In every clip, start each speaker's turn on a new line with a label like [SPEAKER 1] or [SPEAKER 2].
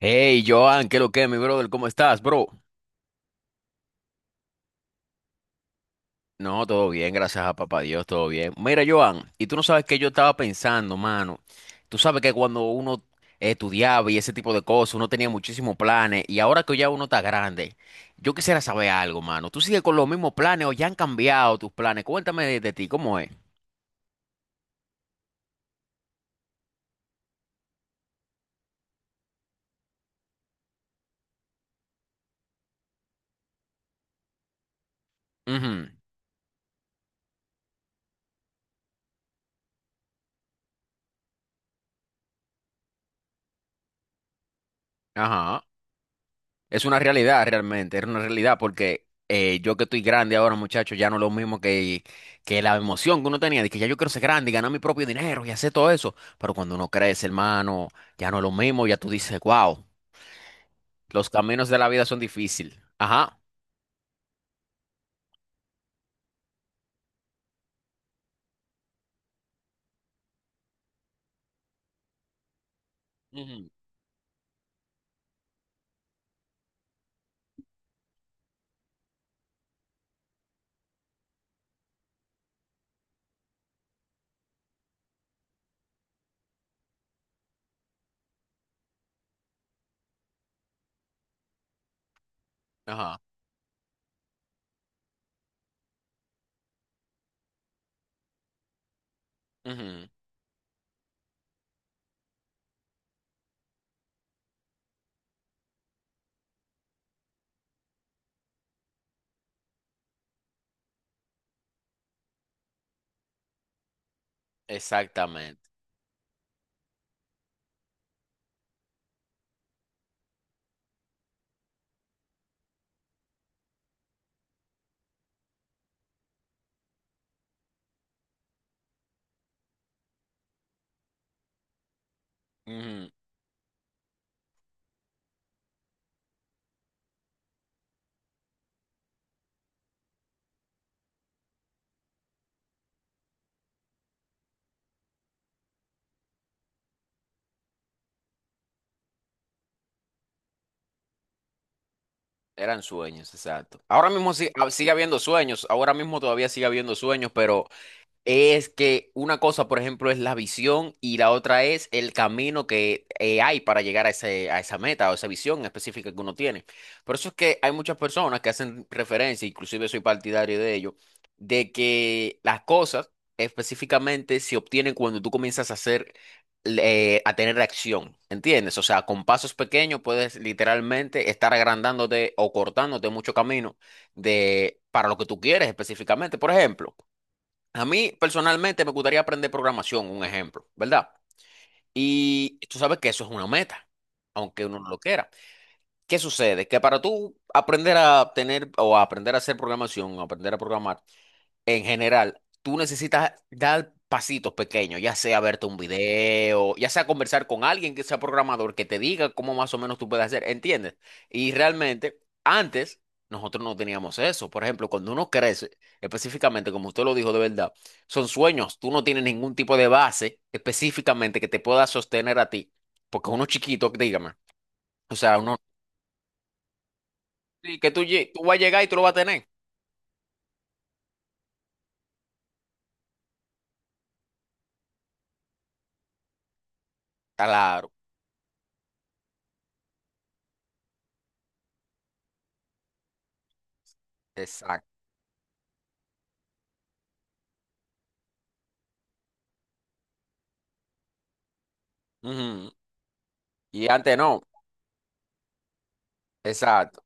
[SPEAKER 1] Hey, Joan, ¿qué es lo que, mi brother? ¿Cómo estás, bro? No, todo bien, gracias a papá Dios, todo bien. Mira, Joan, y tú no sabes que yo estaba pensando, mano. Tú sabes que cuando uno estudiaba y ese tipo de cosas, uno tenía muchísimos planes, y ahora que ya uno está grande, yo quisiera saber algo, mano. ¿Tú sigues con los mismos planes o ya han cambiado tus planes? Cuéntame de ti, ¿cómo es? Ujú. Ajá. Es una realidad realmente, era una realidad porque yo que estoy grande ahora, muchachos, ya no es lo mismo que la emoción que uno tenía, de que ya yo quiero ser grande y ganar mi propio dinero y hacer todo eso. Pero cuando uno crece, hermano, ya no es lo mismo, ya tú dices, wow, los caminos de la vida son difíciles. Ajá. Ujú. Ajá. Ujú. Exactamente. Ujú. Eran sueños, exacto. Ahora mismo sigue habiendo sueños, ahora mismo todavía sigue habiendo sueños, pero es que una cosa, por ejemplo, es la visión y la otra es el camino que hay para llegar a a esa meta o esa visión específica que uno tiene. Por eso es que hay muchas personas que hacen referencia, inclusive soy partidario de ello, de que las cosas específicamente se obtienen cuando tú comienzas a hacer, a tener acción, ¿entiendes? O sea, con pasos pequeños puedes literalmente estar agrandándote o cortándote mucho camino para lo que tú quieres específicamente. Por ejemplo, a mí personalmente me gustaría aprender programación, un ejemplo, ¿verdad? Y tú sabes que eso es una meta, aunque uno no lo quiera. ¿Qué sucede? Que para tú aprender a tener o a aprender a hacer programación, o aprender a programar, en general, tú necesitas dar pasitos pequeños, ya sea verte un video, ya sea conversar con alguien que sea programador, que te diga cómo más o menos tú puedes hacer, ¿entiendes? Y realmente, antes nosotros no teníamos eso. Por ejemplo, cuando uno crece, específicamente, como usted lo dijo de verdad, son sueños, tú no tienes ningún tipo de base específicamente que te pueda sostener a ti, porque uno chiquito, dígame, o sea, uno sí, que tú vas a llegar y tú lo vas a tener. Claro, exacto. Ujú. Y antes no, exacto.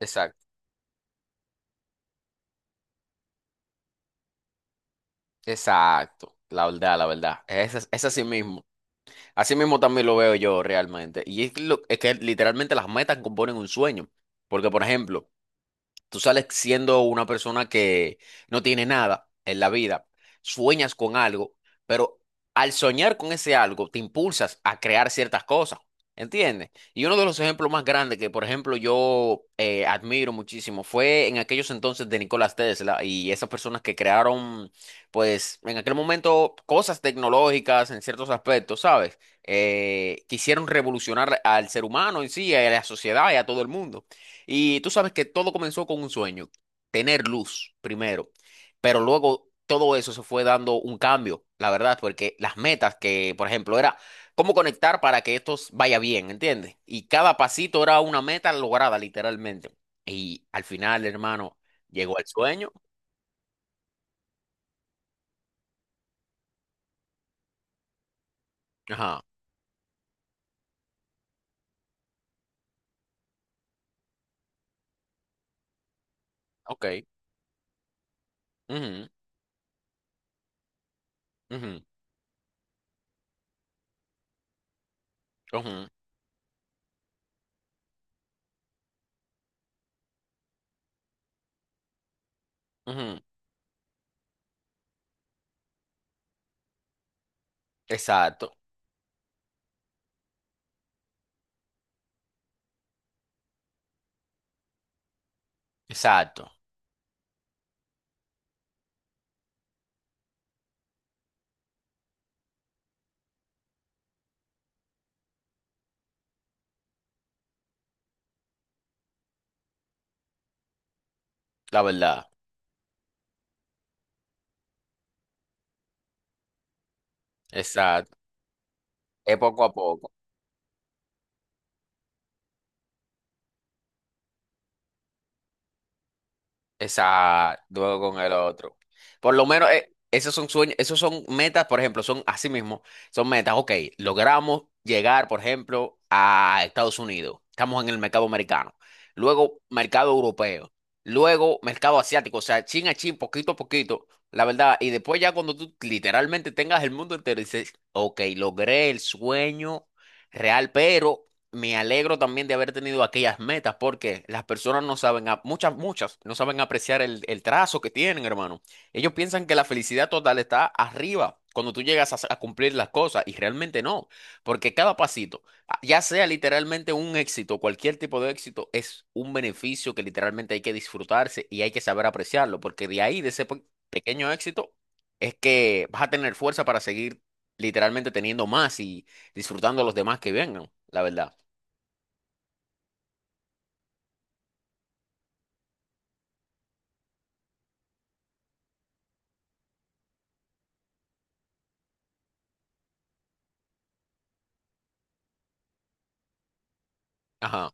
[SPEAKER 1] Exacto, exacto, la verdad, la verdad. Es, es así mismo. Así mismo también lo veo yo realmente. Y es que literalmente las metas componen un sueño. Porque, por ejemplo, tú sales siendo una persona que no tiene nada en la vida, sueñas con algo, pero al soñar con ese algo te impulsas a crear ciertas cosas, ¿entiendes? Y uno de los ejemplos más grandes que, por ejemplo, yo admiro muchísimo fue en aquellos entonces de Nikola Tesla y esas personas que crearon, pues, en aquel momento cosas tecnológicas en ciertos aspectos, ¿sabes? Quisieron revolucionar al ser humano en sí, a la sociedad y a todo el mundo. Y tú sabes que todo comenzó con un sueño, tener luz primero, pero luego todo eso se fue dando un cambio, la verdad, porque las metas que, por ejemplo, era cómo conectar para que esto vaya bien, ¿entiendes? Y cada pasito era una meta lograda, literalmente. Y al final, hermano, llegó el sueño. Ajá, ok. Ujú, ujú, ujú, ujú. Exacto, exacto, la verdad, exacto. Es poco a poco. Esa, luego con el otro. Por lo menos esos son sueños, esos son metas, por ejemplo, son así mismo, son metas. Ok, logramos llegar, por ejemplo, a Estados Unidos. Estamos en el mercado americano. Luego, mercado europeo. Luego, mercado asiático. O sea, chin a chin, poquito a poquito, la verdad. Y después ya cuando tú literalmente tengas el mundo entero, dices, ok, logré el sueño real, pero me alegro también de haber tenido aquellas metas porque las personas no saben, muchas, muchas, no saben apreciar el trazo que tienen, hermano. Ellos piensan que la felicidad total está arriba cuando tú llegas a cumplir las cosas y realmente no, porque cada pasito, ya sea literalmente un éxito, cualquier tipo de éxito, es un beneficio que literalmente hay que disfrutarse y hay que saber apreciarlo, porque de ahí, de ese pequeño éxito, es que vas a tener fuerza para seguir literalmente teniendo más y disfrutando a los demás que vengan, la verdad. Ajá.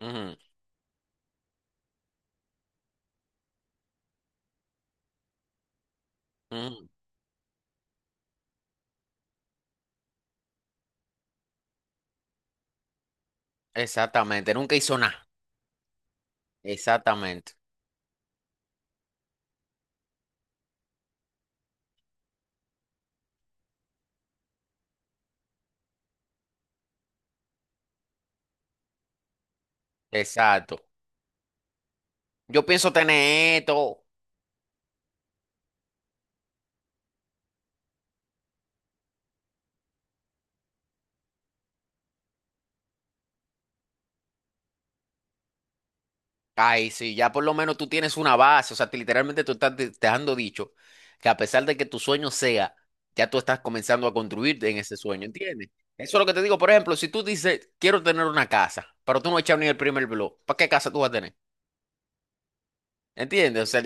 [SPEAKER 1] Ujú, ujú. Exactamente. Nunca hizo nada. Exactamente. Exacto. Yo pienso tener esto. Ay, sí, ya por lo menos tú tienes una base. O sea, literalmente tú estás dejando dicho que a pesar de que tu sueño sea, ya tú estás comenzando a construirte en ese sueño, ¿entiendes? Eso es lo que te digo. Por ejemplo, si tú dices, quiero tener una casa, pero tú no echas ni el primer blog, ¿para qué casa tú vas a tener? ¿Entiendes? O sea,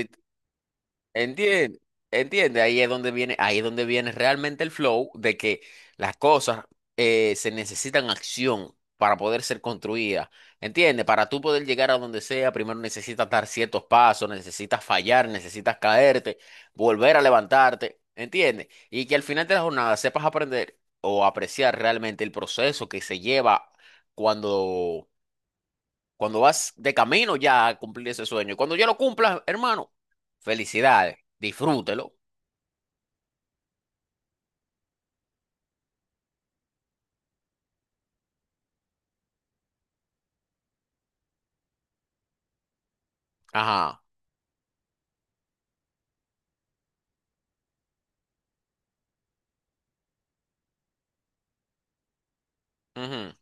[SPEAKER 1] entiende, entiende, ahí es donde viene, ahí es donde viene realmente el flow de que las cosas se necesitan acción para poder ser construidas. Entiende, para tú poder llegar a donde sea, primero necesitas dar ciertos pasos, necesitas fallar, necesitas caerte, volver a levantarte, entiende, y que al final de la jornada sepas aprender o apreciar realmente el proceso que se lleva cuando cuando vas de camino ya a cumplir ese sueño. Y cuando ya lo cumplas, hermano, felicidades, disfrútelo. Ajá. Ujú,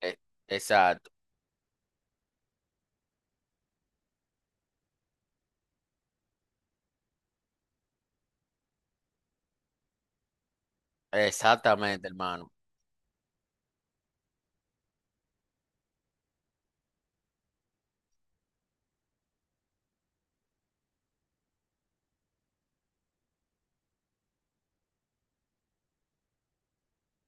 [SPEAKER 1] e- exacto. Exactamente, hermano.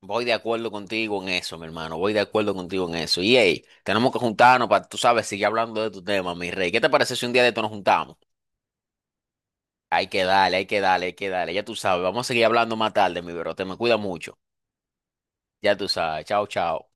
[SPEAKER 1] Voy de acuerdo contigo en eso, mi hermano. Voy de acuerdo contigo en eso. Y hey, tenemos que juntarnos para, tú sabes, seguir hablando de tu tema, mi rey. ¿Qué te parece si un día de esto nos juntamos? Hay que darle, hay que darle, hay que darle. Ya tú sabes, vamos a seguir hablando más tarde, mi bro. Te me cuida mucho. Ya tú sabes. Chao, chao.